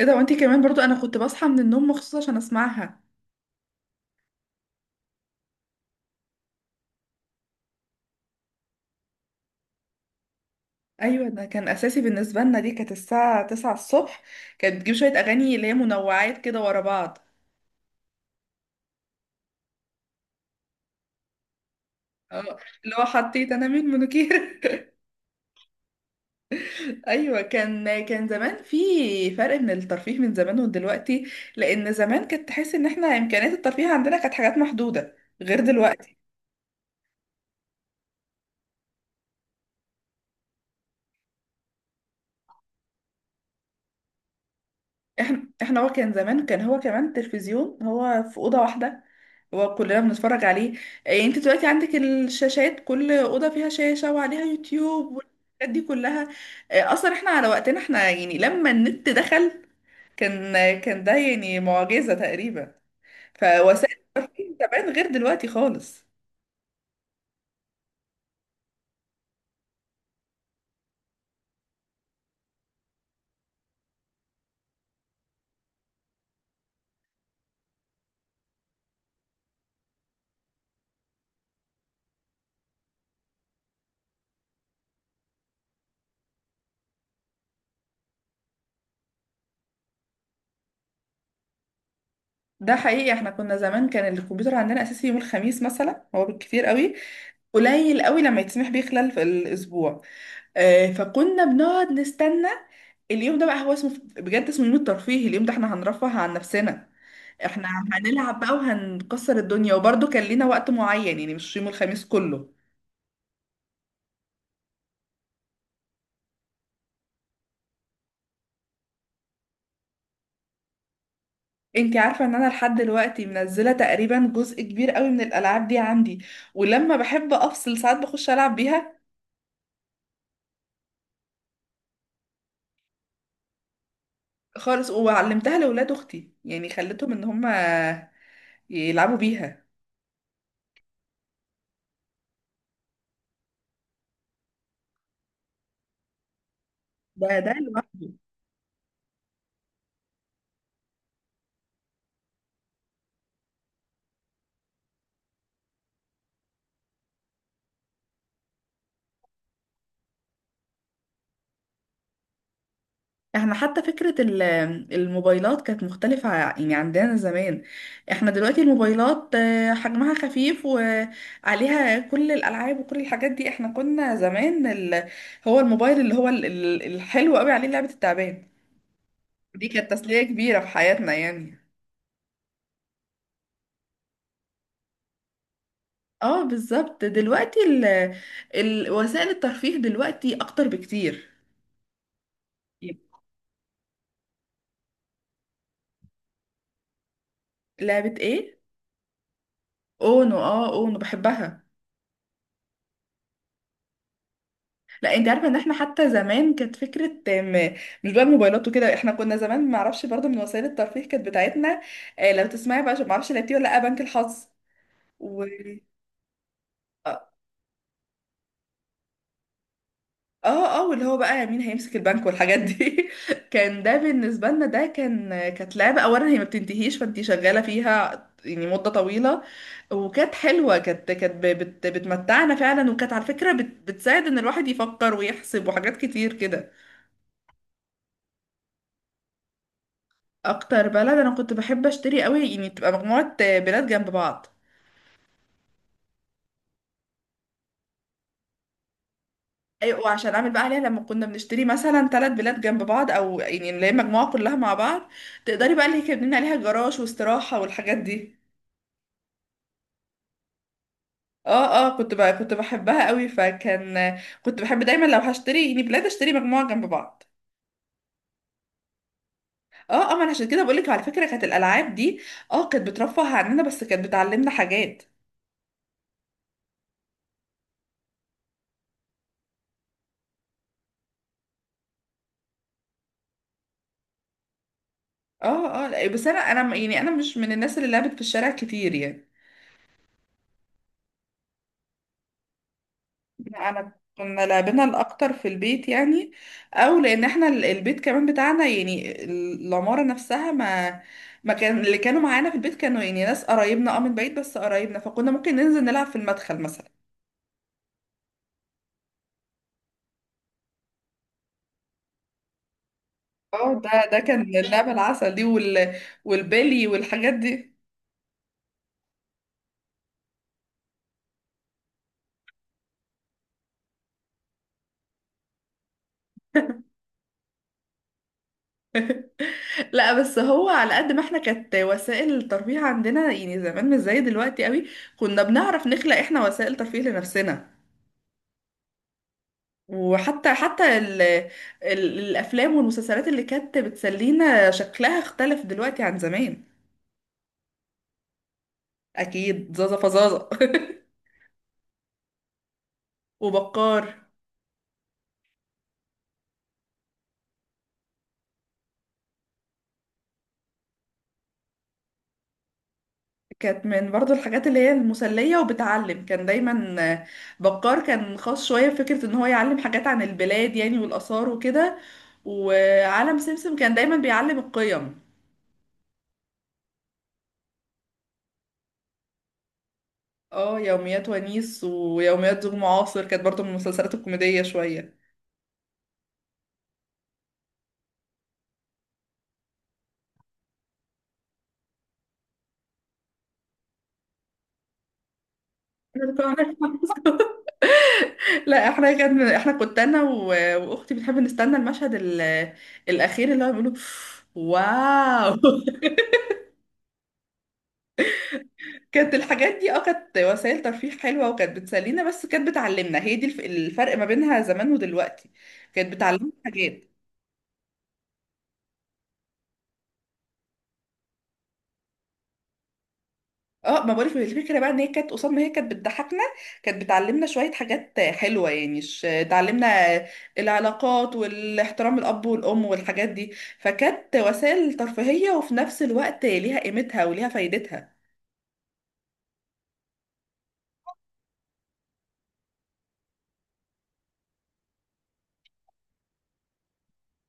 ايه ده؟ وانتي كمان برضو انا كنت بصحى من النوم مخصوص عشان اسمعها. ايوه، ده كان اساسي بالنسبه لنا، دي كانت الساعه 9 الصبح. كانت بتجيب شويه اغاني اللي هي منوعات كده ورا بعض. اه، اللي هو حطيت انا مين منوكير. ايوه، كان زمان في فرق من الترفيه من زمان ودلوقتي، لان زمان كانت تحس ان احنا امكانيات الترفيه عندنا كانت حاجات محدوده، غير دلوقتي. احنا هو كان زمان، كان هو كمان تلفزيون هو في اوضه واحده، هو كلنا بنتفرج عليه. إيه، انت دلوقتي عندك الشاشات، كل اوضه فيها شاشه وعليها يوتيوب والحاجات دي كلها. إيه، اصلا احنا على وقتنا احنا يعني لما النت دخل، كان كان ده يعني معجزه تقريبا. فوسائل الترفيه زمان غير دلوقتي خالص. ده حقيقي، احنا كنا زمان كان الكمبيوتر عندنا اساسي يوم الخميس مثلا، هو بالكتير قوي قليل قوي لما يتسمح بيه خلال في الاسبوع. فكنا بنقعد نستنى. اليوم ده بقى هو اسمه بجد اسمه يوم الترفيه، اليوم ده احنا هنرفه عن نفسنا. احنا هنلعب بقى وهنكسر الدنيا، وبرضه كان لينا وقت معين يعني مش يوم الخميس كله. انتي عارفة ان انا لحد دلوقتي منزلة تقريبا جزء كبير قوي من الالعاب دي عندي، ولما بحب افصل ساعات بخش العب بيها. خالص، وعلمتها لاولاد اختي يعني خليتهم ان هم يلعبوا بيها. ده لوحده. احنا حتى فكرة الموبايلات كانت مختلفة، يعني عندنا زمان. احنا دلوقتي الموبايلات حجمها خفيف وعليها كل الألعاب وكل الحاجات دي. احنا كنا زمان ال... هو الموبايل اللي هو الحلو قوي عليه لعبة التعبان، دي كانت تسلية كبيرة في حياتنا يعني. اه بالظبط، دلوقتي ال... ال... وسائل الترفيه دلوقتي أكتر بكتير. يب. لعبة ايه؟ اونو. اه، اونو بحبها. لا، انت عارفه ان احنا حتى زمان كانت فكره، مش بقى الموبايلات وكده، احنا كنا زمان ما اعرفش برضو من وسائل الترفيه كانت بتاعتنا لو تسمعي بقى، ما اعرفش لعبتيه ولا لا، بنك الحظ. و اه اه، واللي هو بقى مين هيمسك البنك والحاجات دي. كان ده بالنسبه لنا، ده كان كانت لعبه اولا هي ما بتنتهيش فانت شغاله فيها يعني مده طويله. وكانت حلوه، كانت بتمتعنا فعلا، وكانت على فكره بتساعد ان الواحد يفكر ويحسب وحاجات كتير كده. اكتر بلد انا كنت بحب اشتري قوي يعني تبقى مجموعة بلاد جنب بعض. ايوه، وعشان اعمل بقى عليها لما كنا بنشتري مثلا ثلاث بلاد جنب بعض، او يعني اللي هي مجموعة كلها مع بعض، تقدري بقى اللي هي كان بنبني عليها جراج واستراحة والحاجات دي. اه اه، كنت بقى كنت بحبها قوي، فكان كنت بحب دايما لو هشتري يعني بلاد اشتري مجموعة جنب بعض. اه اه، ما انا عشان كده بقولك على فكرة، كانت الالعاب دي اه كانت بترفه عننا بس كانت بتعلمنا حاجات. اه اه لا، بس انا يعني انا مش من الناس اللي لعبت في الشارع كتير يعني، انا كنا لعبنا الاكتر في البيت يعني. او لان احنا البيت كمان بتاعنا يعني العماره نفسها ما ما كان اللي كانوا معانا في البيت كانوا يعني ناس قرايبنا، اه، من بعيد بس قرايبنا، فكنا ممكن ننزل نلعب في المدخل مثلا. اه، ده كان اللعبه العسل دي، وال، والبلي والحاجات دي. لا، بس هو على قد ما احنا كانت وسائل الترفيه عندنا يعني زمان مش زي دلوقتي قوي، كنا بنعرف نخلق احنا وسائل ترفيه لنفسنا. وحتى حتى ال ال الافلام والمسلسلات اللي كانت بتسلينا شكلها اختلف دلوقتي عن زمان. اكيد زازا، فزازا. وبكار. كانت من برضو الحاجات اللي هي المسلية وبتعلم، كان دايما بكار كان خاص شوية بفكرة ان هو يعلم حاجات عن البلاد يعني والآثار وكده، وعالم سمسم كان دايما بيعلم القيم. اه، يوميات ونيس ويوميات زوج معاصر كانت برضو من المسلسلات الكوميدية شوية. لا احنا كان احنا كنت انا واختي بنحب نستنى المشهد الاخير اللي هو بيقولوا واو. كانت الحاجات دي اه كانت وسائل ترفيه حلوه وكانت بتسلينا بس كانت بتعلمنا، هي دي الفرق ما بينها زمان ودلوقتي، كانت بتعلمنا حاجات. اه، ما بقولك الفكره بقى ان هي كانت قصاد ما هي كانت بتضحكنا، كانت بتعلمنا شويه حاجات حلوه يعني، تعلمنا العلاقات والاحترام، الاب والام والحاجات دي. فكانت وسائل ترفيهيه، وفي نفس الوقت ليها قيمتها وليها فايدتها.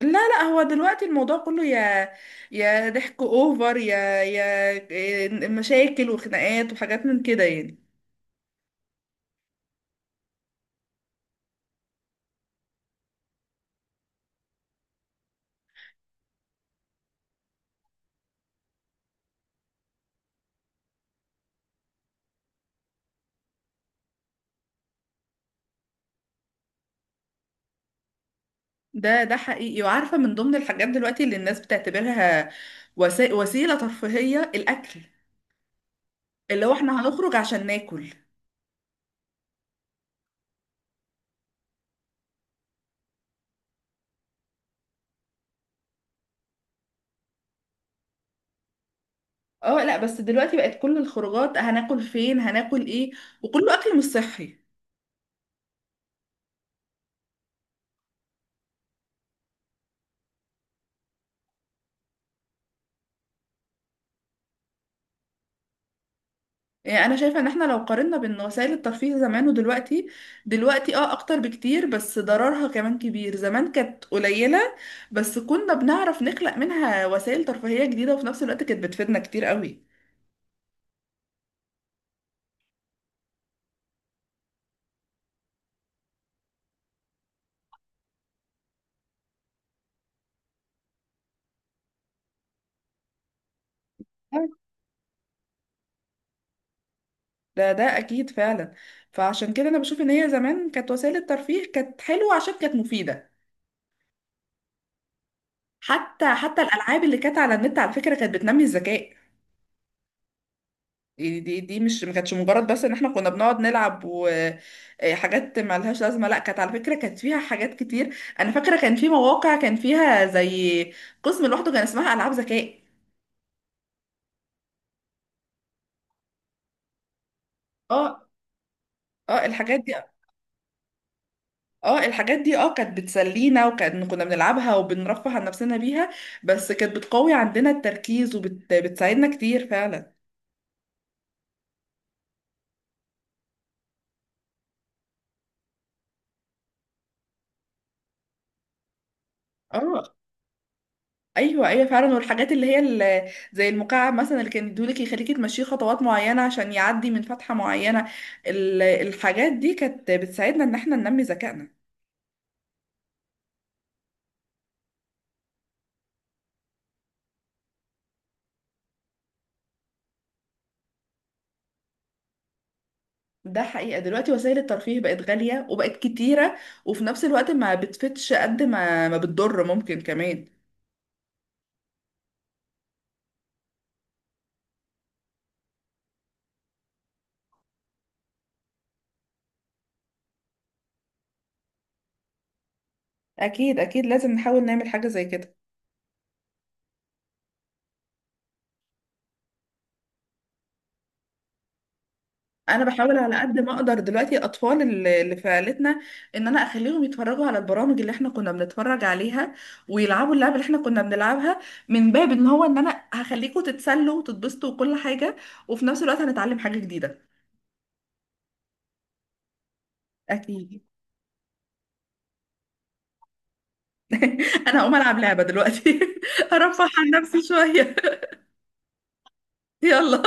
لا لا، هو دلوقتي الموضوع كله يا ضحك اوفر، يا مشاكل وخناقات وحاجات من كده يعني. ده حقيقي، وعارفه من ضمن الحاجات دلوقتي اللي الناس بتعتبرها وسيله ترفيهيه، الاكل. اللي هو احنا هنخرج عشان ناكل. اه لا، بس دلوقتي بقت كل الخروجات هناكل فين، هناكل ايه، وكله اكل مش صحي. يعني انا شايفه ان احنا لو قارنا بين وسائل الترفيه زمان ودلوقتي، دلوقتي اه اكتر بكتير بس ضررها كمان كبير، زمان كانت قليله بس كنا بنعرف نخلق منها وسائل ترفيهيه جديده، وفي نفس الوقت كانت بتفيدنا كتير قوي. ده اكيد فعلا. فعشان كده انا بشوف ان هي زمان كانت وسائل الترفيه كانت حلوه عشان كانت مفيده. حتى الالعاب اللي كانت على النت على فكره كانت بتنمي الذكاء. يعني دي مش ما كانتش مجرد بس ان احنا كنا بنقعد نلعب وحاجات ما لهاش لازمه، لا كانت على فكره كانت فيها حاجات كتير. انا فاكره كان في مواقع كان فيها زي قسم لوحده كان اسمها العاب ذكاء. اه اه، الحاجات دي. اه الحاجات دي اه كانت بتسلينا، وكان كنا بنلعبها وبنرفه عن نفسنا بيها، بس كانت بتقوي عندنا التركيز وبتساعدنا كتير فعلا. اه ايوه ايوه فعلا، والحاجات اللي هي زي المكعب مثلا اللي كان يدولك يخليك تمشيه خطوات معينه عشان يعدي من فتحه معينه، الحاجات دي كانت بتساعدنا ان احنا ننمي ذكائنا. ده حقيقه، دلوقتي وسائل الترفيه بقت غاليه وبقت كتيره، وفي نفس الوقت ما بتفتش قد ما ما بتضر، ممكن كمان. اكيد اكيد، لازم نحاول نعمل حاجه زي كده. انا بحاول على قد ما اقدر دلوقتي الاطفال اللي في عيلتنا، ان انا اخليهم يتفرجوا على البرامج اللي احنا كنا بنتفرج عليها ويلعبوا اللعبه اللي احنا كنا بنلعبها، من باب ان هو ان انا هخليكم تتسلوا وتتبسطوا وكل حاجه، وفي نفس الوقت هنتعلم حاجه جديده. اكيد. انا هقوم العب لعبه دلوقتي. ارفه عن نفسي شويه. يلا.